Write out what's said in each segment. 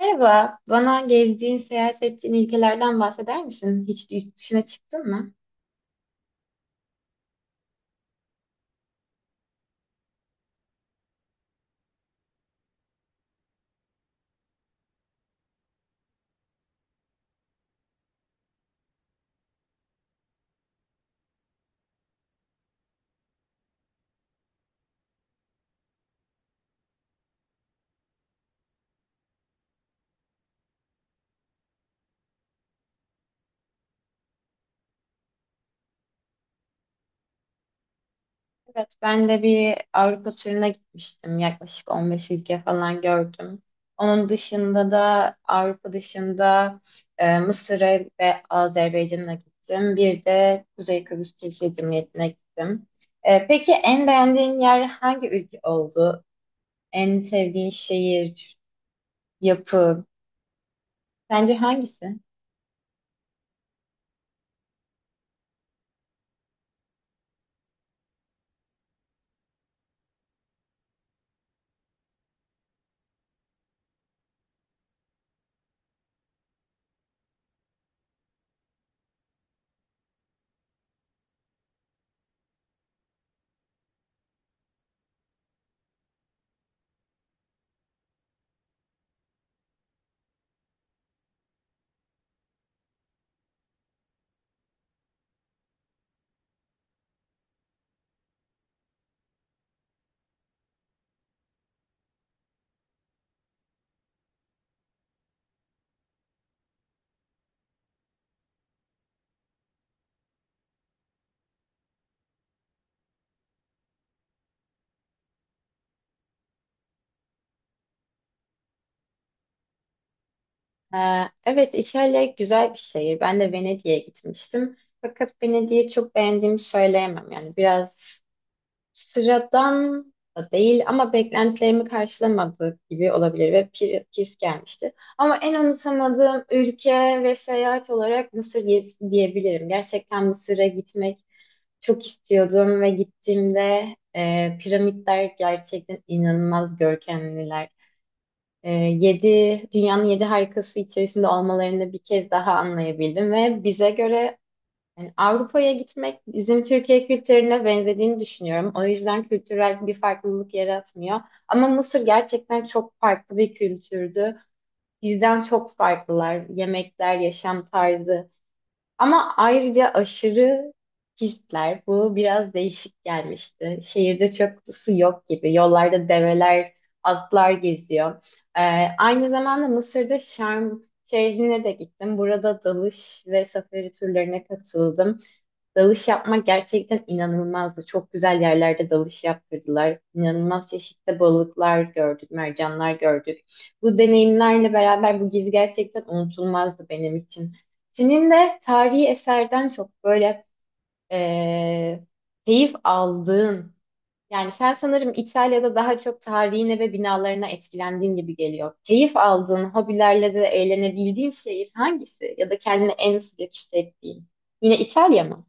Merhaba, bana gezdiğin, seyahat ettiğin ülkelerden bahseder misin? Hiç yurt dışına çıktın mı? Evet, ben de bir Avrupa turuna gitmiştim. Yaklaşık 15 ülke falan gördüm. Onun dışında da Avrupa dışında Mısır'a ve Azerbaycan'a gittim. Bir de Kuzey Kıbrıs Türkiye Cumhuriyeti'ne gittim. Peki en beğendiğin yer hangi ülke oldu? En sevdiğin şehir, yapı, sence hangisi? Ee, Evet, İtalya güzel bir şehir. Ben de Venedik'e gitmiştim. Fakat Venedik'i çok beğendiğimi söyleyemem. Yani biraz sıradan da değil ama beklentilerimi karşılamadığı gibi olabilir ve pis gelmişti. Ama en unutamadığım ülke ve seyahat olarak Mısır gezisi diyebilirim. Gerçekten Mısır'a gitmek çok istiyordum ve gittiğimde piramitler gerçekten inanılmaz görkemliler, e, yedi, dünyanın yedi harikası içerisinde olmalarını bir kez daha anlayabildim ve bize göre yani Avrupa'ya gitmek bizim Türkiye kültürüne benzediğini düşünüyorum. O yüzden kültürel bir farklılık yaratmıyor. Ama Mısır gerçekten çok farklı bir kültürdü. Bizden çok farklılar. Yemekler, yaşam tarzı. Ama ayrıca aşırı hisler bu biraz değişik gelmişti. Şehirde çöp kutusu yok gibi. Yollarda develer, atlar geziyor. Ee, Aynı zamanda Mısır'da Şarm şehrine de gittim. Burada dalış ve safari turlarına katıldım. Dalış yapmak gerçekten inanılmazdı. Çok güzel yerlerde dalış yaptırdılar. İnanılmaz çeşitli balıklar gördük, mercanlar gördük. Bu deneyimlerle beraber bu gezi gerçekten unutulmazdı benim için. Senin de tarihi eserden çok böyle eee, keyif aldığın, yani sen sanırım İtalya'da daha çok tarihine ve binalarına etkilendiğin gibi geliyor. Keyif aldığın, hobilerle de eğlenebildiğin şehir hangisi? Ya da kendini en sıcak hissettiğin? Yine İtalya mı?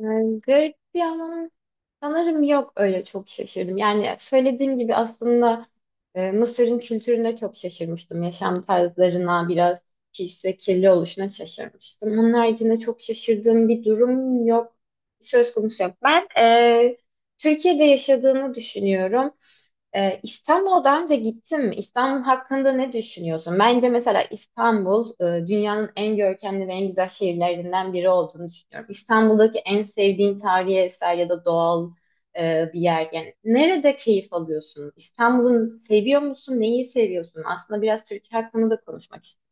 Yani garip bir anlam sanırım yok öyle çok şaşırdım. Yani söylediğim gibi aslında Mısır'ın kültürüne çok şaşırmıştım. Yaşam tarzlarına biraz pis ve kirli oluşuna şaşırmıştım. Onun haricinde çok şaşırdığım bir durum yok. Söz konusu yok. Türkiye'de yaşadığını düşünüyorum. İstanbul'a daha önce gittim. İstanbul hakkında ne düşünüyorsun? Bence mesela İstanbul dünyanın en görkemli ve en güzel şehirlerinden biri olduğunu düşünüyorum. İstanbul'daki en sevdiğin tarihi eser ya da doğal bir yer. Yani nerede keyif alıyorsun? İstanbul'u seviyor musun? Neyi seviyorsun? Aslında biraz Türkiye hakkında da konuşmak istiyorum.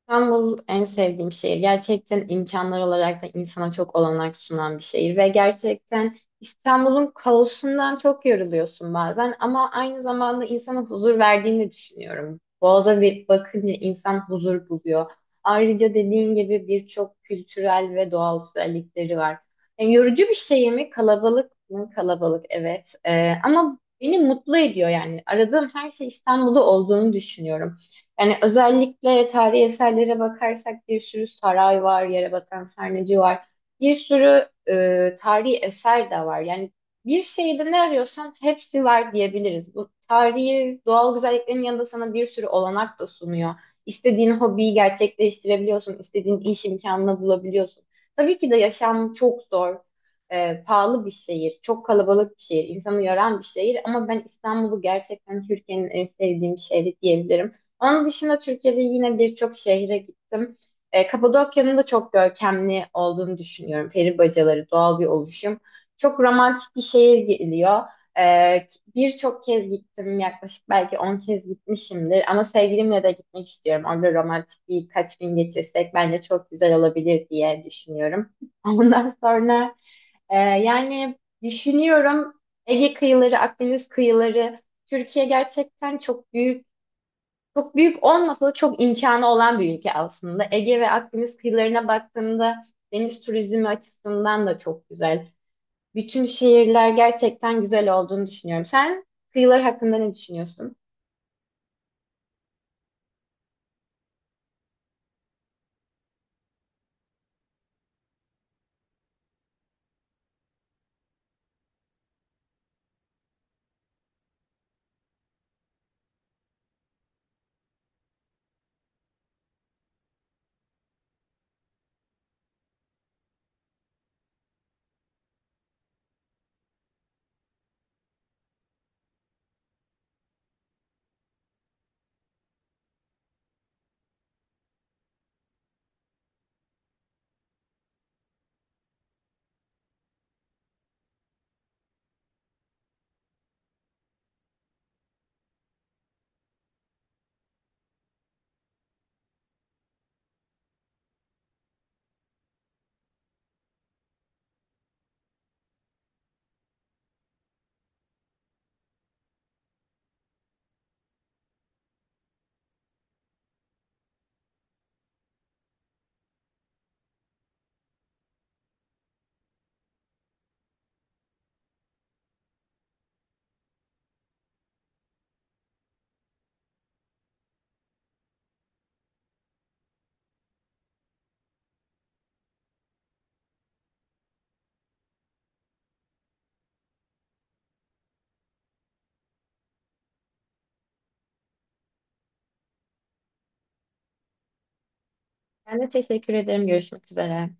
İstanbul en sevdiğim şehir. Gerçekten imkanlar olarak da insana çok olanak sunan bir şehir ve gerçekten İstanbul'un kaosundan çok yoruluyorsun bazen ama aynı zamanda insana huzur verdiğini de düşünüyorum. Boğaz'a bir bakınca insan huzur buluyor. Ayrıca dediğin gibi birçok kültürel ve doğal güzellikleri var. Yani yorucu bir şey mi? Kalabalık mı? Kalabalık, evet. Ama beni mutlu ediyor yani. Aradığım her şey İstanbul'da olduğunu düşünüyorum. Yani özellikle tarihi eserlere bakarsak bir sürü saray var, yere batan Sarnıcı var. Bir sürü tarihi eser de var. Yani bir şeyde ne arıyorsan hepsi var diyebiliriz. Bu tarihi doğal güzelliklerin yanında sana bir sürü olanak da sunuyor. İstediğin hobiyi gerçekleştirebiliyorsun, istediğin iş imkanını bulabiliyorsun. Tabii ki de yaşam çok zor, pahalı bir şehir, çok kalabalık bir şehir, insanı yoran bir şehir ama ben İstanbul'u gerçekten Türkiye'nin en sevdiğim şehri diyebilirim. Onun dışında Türkiye'de yine birçok şehre gittim. Kapadokya'nın da çok görkemli olduğunu düşünüyorum. Peri bacaları, doğal bir oluşum. Çok romantik bir şehir geliyor. E, Birçok kez gittim, yaklaşık belki 10 kez gitmişimdir. Ama sevgilimle de gitmek istiyorum. Orada romantik birkaç gün geçirsek bence çok güzel olabilir diye düşünüyorum. Ondan sonra yani düşünüyorum Ege kıyıları, Akdeniz kıyıları, Türkiye gerçekten çok büyük, olmasa da çok imkanı olan bir ülke aslında. Ege ve Akdeniz kıyılarına baktığımda deniz turizmi açısından da çok güzel. Bütün şehirler gerçekten güzel olduğunu düşünüyorum. Sen kıyılar hakkında ne düşünüyorsun? Ben de teşekkür ederim. Görüşmek üzere.